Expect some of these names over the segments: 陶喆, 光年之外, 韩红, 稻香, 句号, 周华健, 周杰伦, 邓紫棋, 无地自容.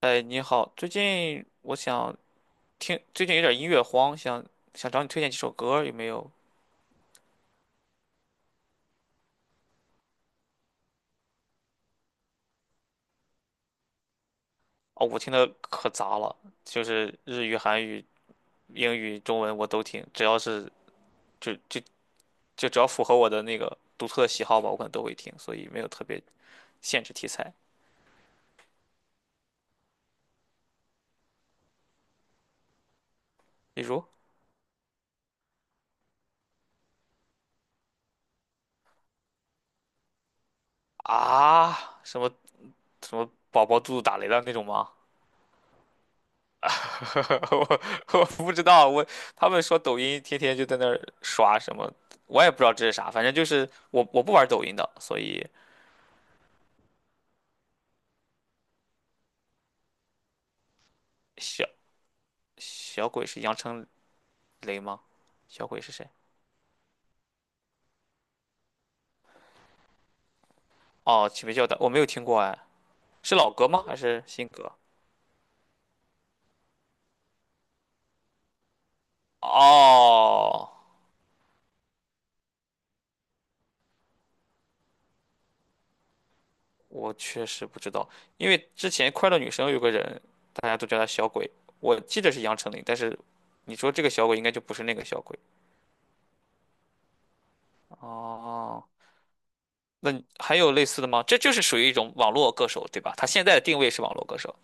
哎，你好，最近我想听，最近有点音乐荒，想找你推荐几首歌，有没有？哦，我听的可杂了，就是日语、韩语、英语、中文我都听，只要是就就就只要符合我的那个独特的喜好吧，我可能都会听，所以没有特别限制题材。比如啊，什么什么宝宝肚子打雷了那种吗？我我不知道，他们说抖音天天就在那儿刷什么，我也不知道这是啥，反正就是我不玩抖音的，所以小小鬼是杨丞琳吗？小鬼是谁？哦，启明叫的我没有听过哎，是老歌吗？还是新歌？哦，我确实不知道，因为之前快乐女生有个人，大家都叫他小鬼，我记得是杨丞琳，但是你说这个小鬼应该就不是那个小鬼。哦。那你还有类似的吗？这就是属于一种网络歌手，对吧？他现在的定位是网络歌手。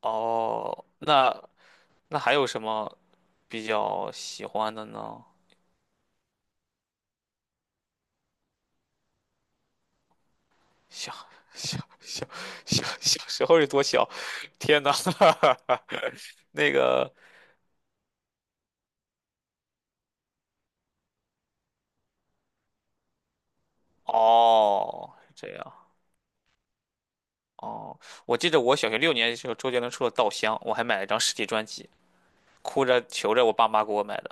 哦，那还有什么比较喜欢的呢？小小小小时候有多小？天呐，那个。哦，是这样。哦，我记得我小学六年级的时候，周杰伦出了《稻香》，我还买了一张实体专辑，哭着求着我爸妈给我买的。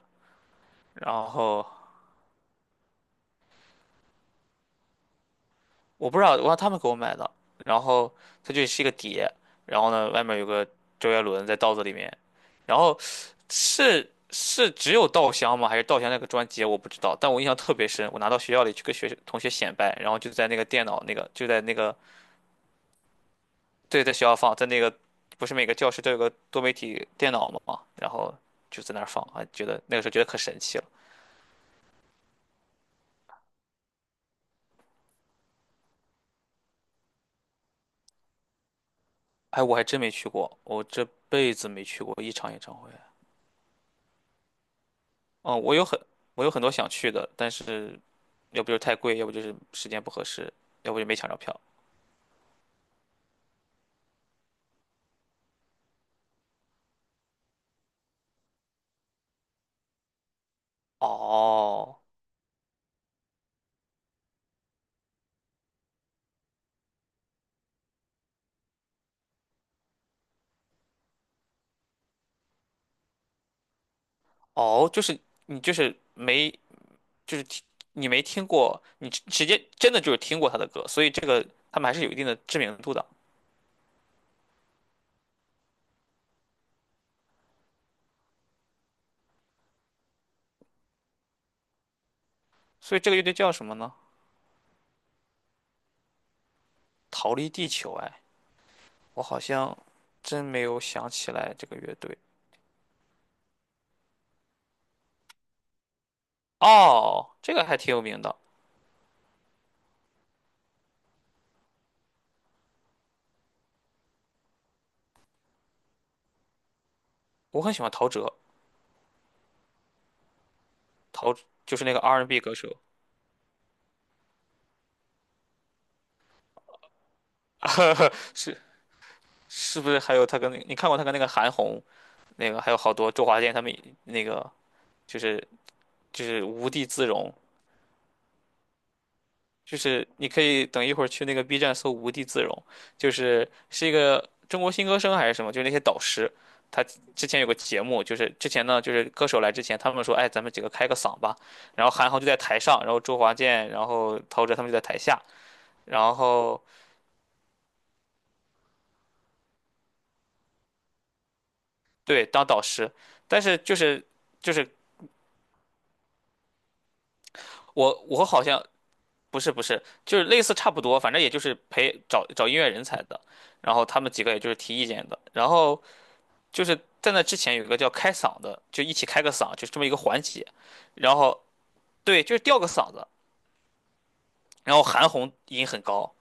然后我不知道，我让他们给我买的。然后它就是一个碟，然后呢，外面有个周杰伦在稻子里面。然后是是只有稻香吗？还是稻香那个专辑？我不知道，但我印象特别深。我拿到学校里去跟学同学显摆，然后就在那个电脑那个就在那个对，在学校放，在那个不是每个教室都有个多媒体电脑嘛，然后就在那儿放，啊，觉得那个时候觉得可神奇了。哎，我还真没去过，我这辈子没去过一场演唱会。嗯，我有很我有很多想去的，但是。要不就是太贵，要不就是时间不合适，要不就没抢着票。哦哦，就是你就是没就是听你没听过，你直直接真的就是听过他的歌，所以这个他们还是有一定的知名度的。所以这个乐队叫什么呢？逃离地球。哎，我好像真没有想起来这个乐队。哦，这个还挺有名的，我很喜欢陶喆，陶就是那个 R&B n 歌手，是是不是还有他跟那你看过他跟那个韩红，那个还有好多周华健他们那个就是无地自容，就是你可以等一会儿去那个 B 站搜“无地自容”，就是是一个中国新歌声还是什么，就是那些导师，他之前有个节目，就是之前呢，就是歌手来之前，他们说，哎，咱们几个开个嗓吧，然后韩寒就在台上，然后周华健，然后陶喆他们就在台下，然后对当导师，但是就是我好像。不是不是，就是类似差不多，反正也就是陪找找音乐人才的，然后他们几个也就是提意见的，然后就是在那之前有一个叫开嗓的，就一起开个嗓，就这么一个环节。然后对，就是吊个嗓子，然后韩红音很高，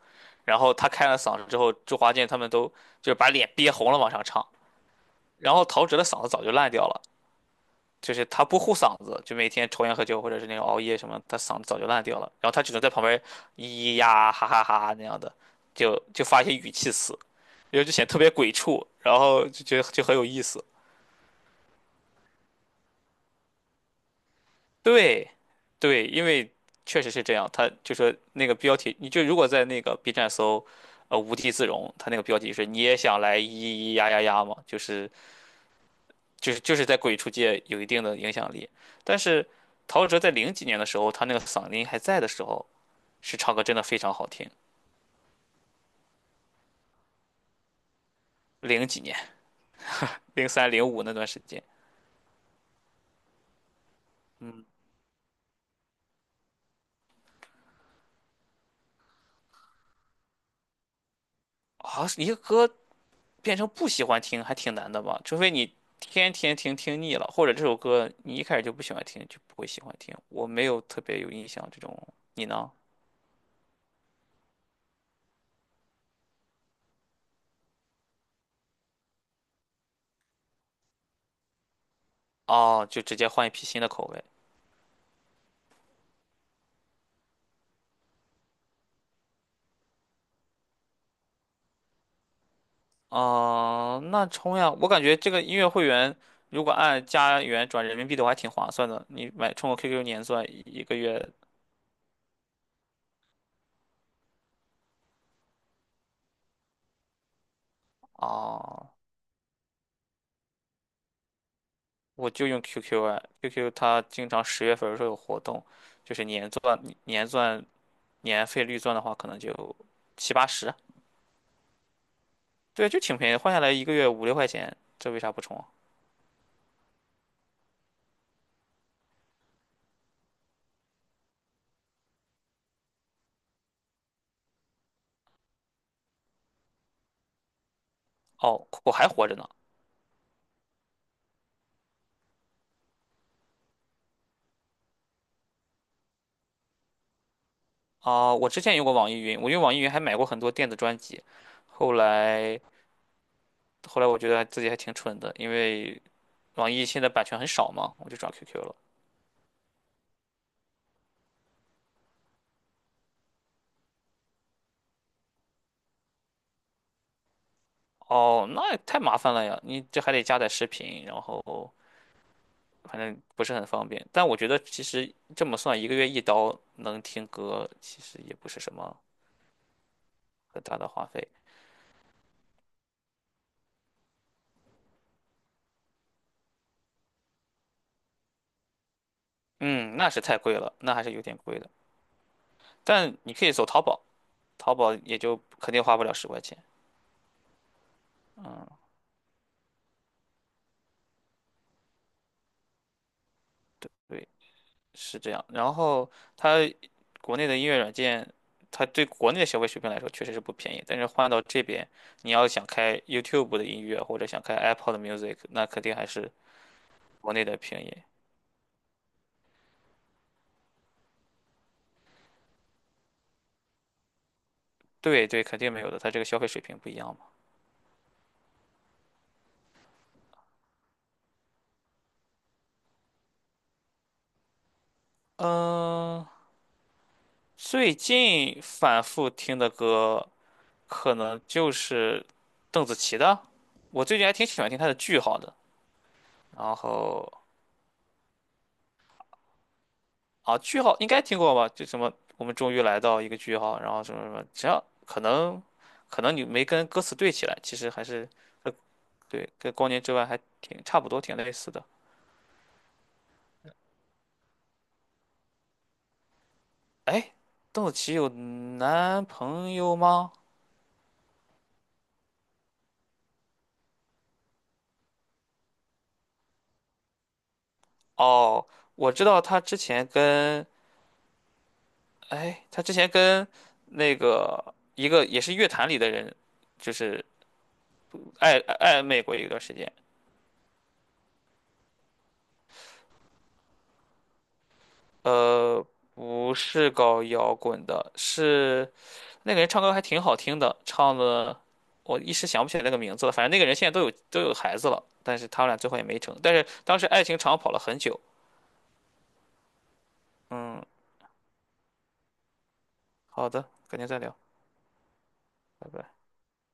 然后他开了嗓子之后，周华健他们都就是把脸憋红了往上唱。然后陶喆的嗓子早就烂掉了，就是他不护嗓子，就每天抽烟喝酒或者是那种熬夜什么，他嗓子早就烂掉了。然后他只能在旁边咿咿呀哈哈哈那样的，就发一些语气词，然后就显得特别鬼畜，然后就觉得就很有意思。对，对，因为确实是这样。他就说那个标题，你就如果在那个 B 站搜，呃，无地自容，他那个标题是“你也想来咿咿呀呀呀”嘛，就是在鬼畜界有一定的影响力。但是陶喆在零几年的时候，他那个嗓音还在的时候，是唱歌真的非常好听。零几年，零三零五那段时间啊，一个歌变成不喜欢听还挺难的吧？除非你天天听听腻了，或者这首歌你一开始就不喜欢听，就不会喜欢听。我没有特别有印象这种，你呢？哦，就直接换一批新的口味。哦，那充呀！我感觉这个音乐会员如果按加元转人民币的话，还挺划算的。你买充个 QQ 年钻，一个月啊？我就用 QQ 啊 q q 它经常十月份的时候有活动，就是年钻、年费率钻的话，可能就七八十。对，就挺便宜，换下来一个月五六块钱，这为啥不充啊？哦，我还活着呢。啊，我之前用过网易云，我用网易云还买过很多电子专辑，后来后来我觉得自己还挺蠢的，因为网易现在版权很少嘛，我就转 QQ 了。哦，那也太麻烦了呀，你这还得加载视频，然后反正不是很方便。但我觉得其实这么算，一个月一刀能听歌，其实也不是什么很大的花费。嗯，那是太贵了，那还是有点贵的。但你可以走淘宝，淘宝也就肯定花不了十块钱。嗯，对，是这样。然后它国内的音乐软件，它对国内的消费水平来说确实是不便宜，但是换到这边，你要想开 YouTube 的音乐或者想开 Apple 的 Music，那肯定还是国内的便宜。对对，肯定没有的，它这个消费水平不一样嘛。嗯，最近反复听的歌可能就是邓紫棋的，我最近还挺喜欢听她的《句号》的。然后啊，句号应该听过吧？就什么我们终于来到一个句号，然后什么什么，只要可能你没跟歌词对起来，其实还是对跟光年之外还挺差不多，挺类似的。哎，邓紫棋有男朋友吗？哦，我知道她之前跟哎，她之前跟那个一个也是乐坛里的人，就是暧昧过一段时间。呃，不是搞摇滚的，是。那个人唱歌还挺好听的，唱的我一时想不起来那个名字了。反正那个人现在都有孩子了，但是他们俩最后也没成。但是当时爱情长跑了很久。嗯，好的，改天再聊，拜拜。